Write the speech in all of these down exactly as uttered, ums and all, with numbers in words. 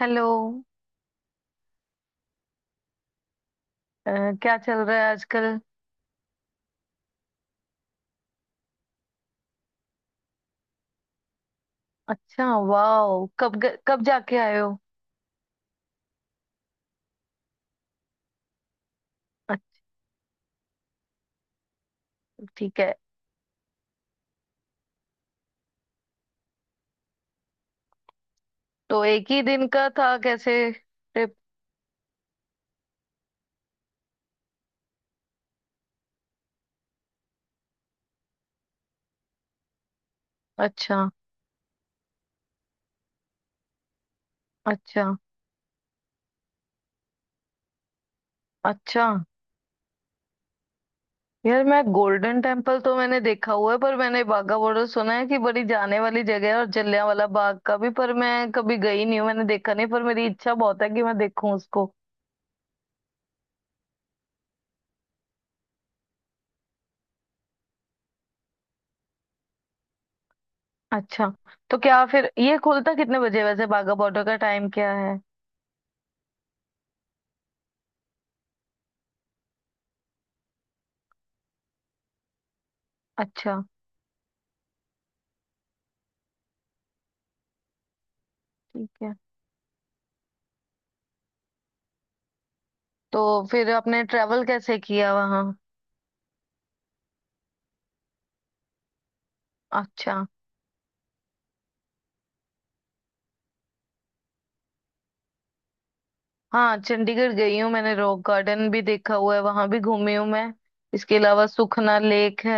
Hello. अ, क्या चल रहा है आजकल? अच्छा, वाओ। कब ग- कब जाके आए हो? अच्छा। ठीक है। तो एक ही दिन का था कैसे ट्रिप? अच्छा। अच्छा। अच्छा यार, मैं गोल्डन टेम्पल तो मैंने देखा हुआ है, पर मैंने बाघा बॉर्डर सुना है कि बड़ी जाने वाली जगह है, और जलियांवाला बाग का भी। पर मैं कभी गई नहीं हूँ, मैंने देखा नहीं, पर मेरी इच्छा बहुत है कि मैं देखूं उसको। अच्छा। तो क्या फिर ये खुलता कितने बजे है? वैसे बाघा बॉर्डर का टाइम क्या है? अच्छा। ठीक है। तो फिर आपने ट्रेवल कैसे किया वहाँ? अच्छा। हाँ, चंडीगढ़ गई हूँ। मैंने रॉक गार्डन भी देखा हुआ है, वहां भी घूमी हूँ मैं। इसके अलावा सुखना लेक है।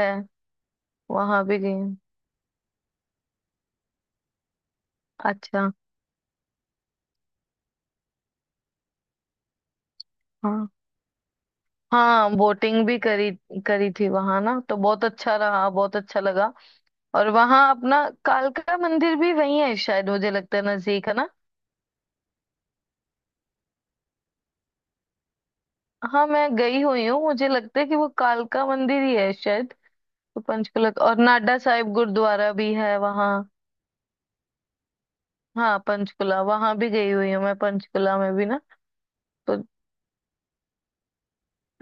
वहां भी गई हूँ। अच्छा। हाँ, हाँ, बोटिंग भी करी। करी थी वहां ना, तो बहुत अच्छा रहा, बहुत अच्छा लगा। और वहां अपना कालका मंदिर भी वही है शायद, मुझे लगता है नजदीक है ना। हाँ, मैं गई हुई हूँ। मुझे लगता है कि वो कालका मंदिर ही है शायद। तो पंचकुला और नाडा साहिब गुरुद्वारा भी है वहाँ। हाँ, पंचकुला वहां भी गई हुई हूँ मैं। पंचकुला में भी ना। तो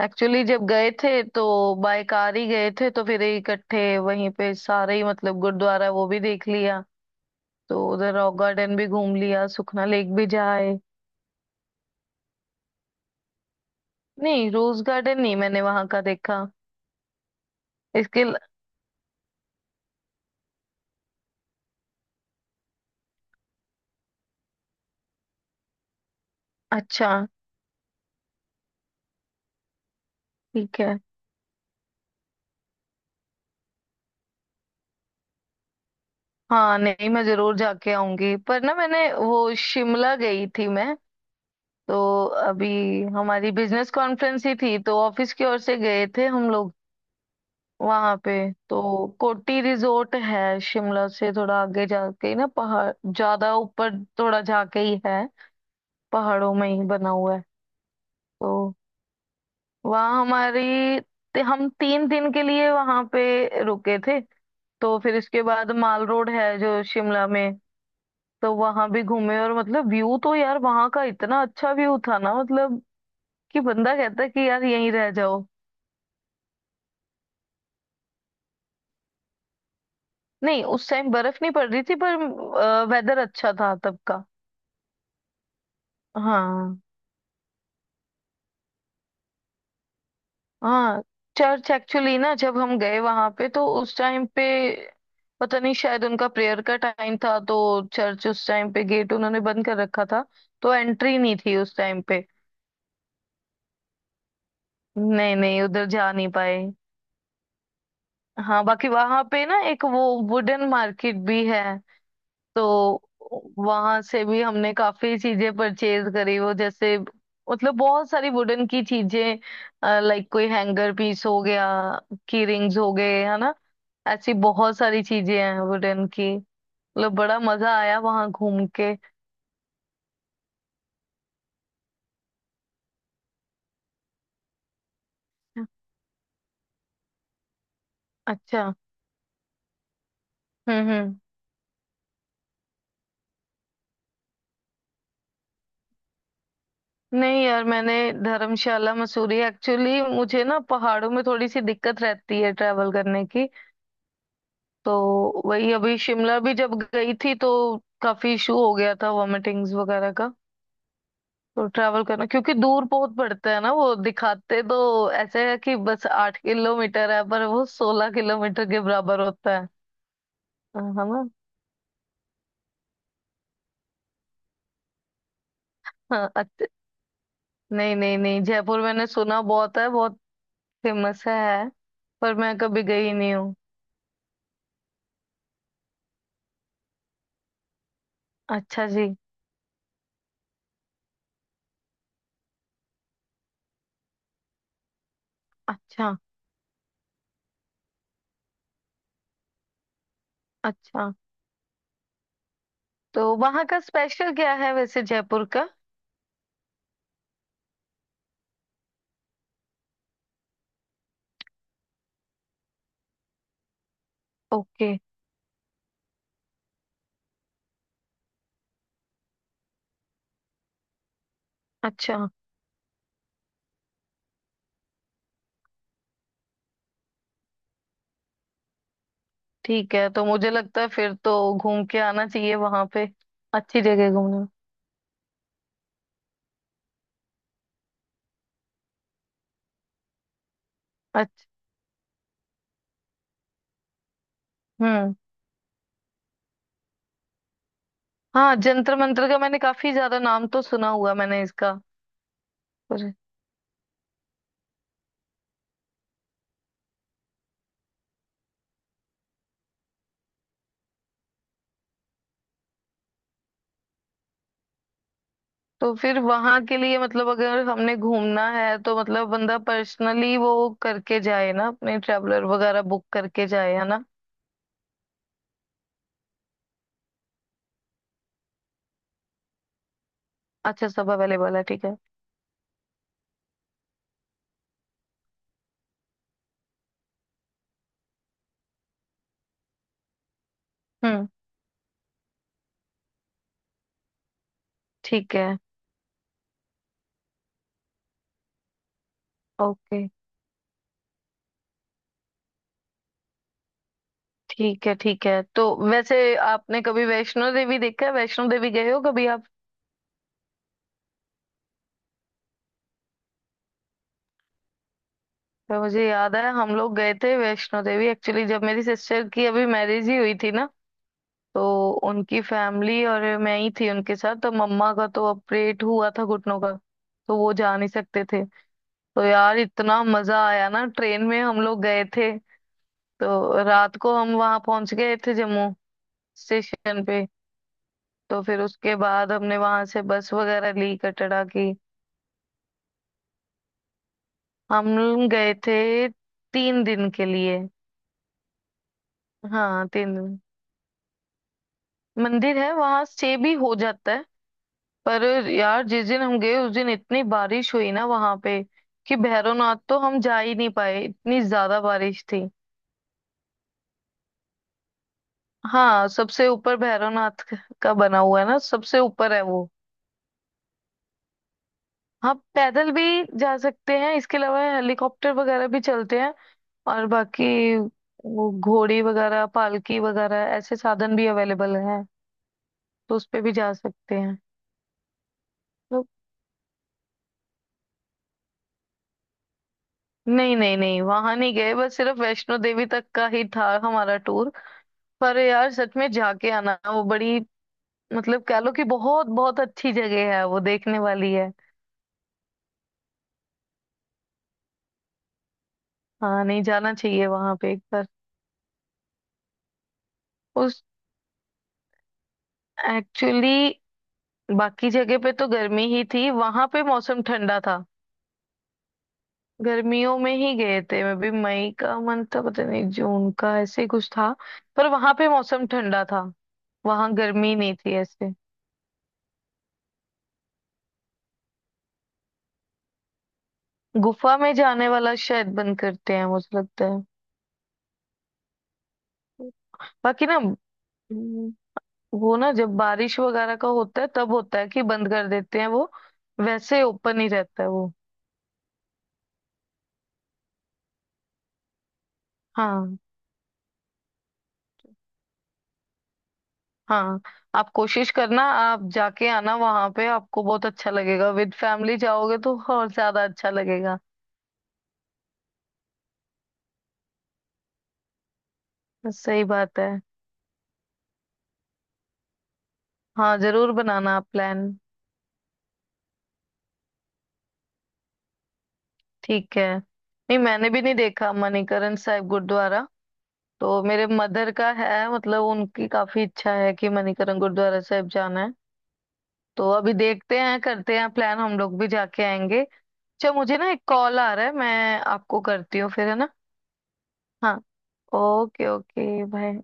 एक्चुअली जब गए थे, तो बाय कार ही गए थे। तो फिर इकट्ठे वहीं पे सारे ही, मतलब गुरुद्वारा वो भी देख लिया। तो उधर रॉक गार्डन भी घूम लिया, सुखना लेक भी जाए। नहीं, रोज गार्डन नहीं, मैंने वहां का देखा। इसके ल- अच्छा। ठीक है। हाँ, नहीं मैं जरूर जाके आऊंगी। पर ना, मैंने वो शिमला गई थी मैं। तो अभी हमारी बिजनेस कॉन्फ्रेंस ही थी, तो ऑफिस की ओर से गए थे हम लोग वहां पे। तो कोटी रिजोर्ट है शिमला से थोड़ा आगे जाके ही ना, पहाड़ ज्यादा ऊपर थोड़ा जाके ही है। पहाड़ों में ही बना हुआ है। तो वहाँ हमारी, ते- हम तीन दिन के लिए वहां पे रुके थे। तो फिर इसके बाद माल रोड है जो शिमला में। तो वहां भी घूमे, और मतलब व्यू तो यार वहां का इतना अच्छा व्यू था ना, मतलब कि बंदा कहता है कि यार यहीं रह जाओ। नहीं, उस टाइम बर्फ नहीं पड़ रही थी, पर वेदर अच्छा था तब का। हाँ। हाँ, चर्च एक्चुअली ना जब हम गए वहां पे, तो उस टाइम पे पता नहीं शायद उनका प्रेयर का टाइम था। तो चर्च उस टाइम पे गेट उन्होंने बंद कर रखा था। तो एंट्री नहीं थी उस टाइम पे। नहीं नहीं, उधर जा नहीं पाए। हाँ, बाकी वहां पे ना एक वो वुडन मार्केट भी है। तो वहां से भी हमने काफी चीजें परचेज करी वो, जैसे मतलब बहुत सारी वुडन की चीजें, लाइक कोई हैंगर पीस हो गया, की रिंग्स हो गए, है ना। ऐसी बहुत सारी चीजें हैं वुडन की। मतलब बड़ा मजा आया वहां घूम के। अच्छा। हम्म। हम्म। नहीं यार, मैंने धर्मशाला मसूरी, एक्चुअली मुझे ना पहाड़ों में थोड़ी सी दिक्कत रहती है ट्रैवल करने की। तो वही अभी शिमला भी जब गई थी, तो काफी इशू हो गया था वॉमिटिंग्स वगैरह का। तो ट्रैवल करना, क्योंकि दूर बहुत पड़ता है ना। वो दिखाते तो ऐसे है कि बस आठ किलोमीटर है, पर वो सोलह किलोमीटर के बराबर होता है। हम। हाँ, अच्छे। नहीं नहीं नहीं, जयपुर मैंने सुना बहुत है, बहुत फेमस है, पर मैं कभी गई नहीं हूँ। अच्छा जी। अच्छा। अच्छा। तो वहाँ का स्पेशल क्या है वैसे जयपुर का? ओके। अच्छा। ठीक है। तो मुझे लगता है फिर तो घूम के आना चाहिए वहां पे। अच्छी जगह घूमने में। अच्छा। हम्म। हाँ, जंतर मंतर का मैंने काफी ज्यादा नाम तो सुना हुआ मैंने इसका। पर- तो फिर वहां के लिए मतलब अगर हमने घूमना है, तो मतलब बंदा पर्सनली वो करके जाए ना, अपने ट्रैवलर वगैरह बुक करके जाए, है ना? अच्छा, सब अवेलेबल है, ठीक है। हम्म। ठीक है। ओके। ठीक है। ठीक है। तो वैसे आपने कभी वैष्णो देवी देखा है? वैष्णो देवी गए हो कभी आप? तो मुझे याद है हम लोग गए थे वैष्णो देवी। एक्चुअली जब मेरी सिस्टर की अभी मैरिज ही हुई थी ना, तो उनकी फैमिली और मैं ही थी उनके साथ। तो मम्मा का तो ऑपरेट हुआ था घुटनों का, तो वो जा नहीं सकते थे। तो यार इतना मजा आया ना, ट्रेन में हम लोग गए थे। तो रात को हम वहां पहुंच गए थे जम्मू स्टेशन पे। तो फिर उसके बाद हमने वहां से बस वगैरह ली कटरा की। हम गए थे तीन दिन के लिए। हाँ, तीन दिन। मंदिर है वहां, स्टे भी हो जाता है। पर यार जिस दिन हम गए, उस दिन इतनी बारिश हुई ना वहां पे, कि भैरवनाथ तो हम जा ही नहीं पाए, इतनी ज्यादा बारिश थी। हाँ, सबसे ऊपर भैरवनाथ क- का बना हुआ है ना, सबसे ऊपर है वो। हाँ, पैदल भी जा सकते हैं, इसके अलावा हेलीकॉप्टर वगैरह भी चलते हैं। और बाकी वो घोड़ी वगैरह, पालकी वगैरह ऐसे साधन भी अवेलेबल हैं। तो उस पे भी जा सकते हैं। नहीं नहीं नहीं, वहां नहीं गए, बस सिर्फ वैष्णो देवी तक का ही था हमारा टूर। पर यार सच में जाके आना, वो बड़ी, मतलब कह लो कि बहुत बहुत अच्छी जगह है, वो देखने वाली है। हाँ नहीं, जाना चाहिए वहां पे एक बार। उस, एक्चुअली बाकी जगह पे तो गर्मी ही थी, वहां पे मौसम ठंडा था। गर्मियों में ही गए थे, मैं भी मई का मंथ था, पता नहीं जून का, ऐसे ही कुछ था। पर वहां पे मौसम ठंडा था, वहां गर्मी नहीं थी ऐसे। गुफा में जाने वाला शायद बंद करते हैं, मुझे लगता है। बाकी ना, हम्म, वो ना जब बारिश वगैरह का होता है, तब होता है कि बंद कर देते हैं वो। वैसे ओपन ही रहता है वो। हाँ। हाँ, आप कोशिश करना, आप जाके आना वहां पे, आपको बहुत अच्छा लगेगा। विद फैमिली जाओगे तो और ज्यादा अच्छा लगेगा। सही बात है। हाँ, जरूर बनाना आप प्लान। ठीक है, नहीं मैंने भी नहीं देखा मणिकरण साहिब गुरुद्वारा। तो मेरे मदर का है, मतलब उनकी काफी इच्छा है कि मणिकरण गुरुद्वारा साहिब जाना है। तो अभी देखते हैं, करते हैं प्लान, हम लोग भी जाके आएंगे। अच्छा मुझे ना एक कॉल आ रहा है, मैं आपको करती हूँ फिर, है ना? हाँ, ओके, ओके, बाय।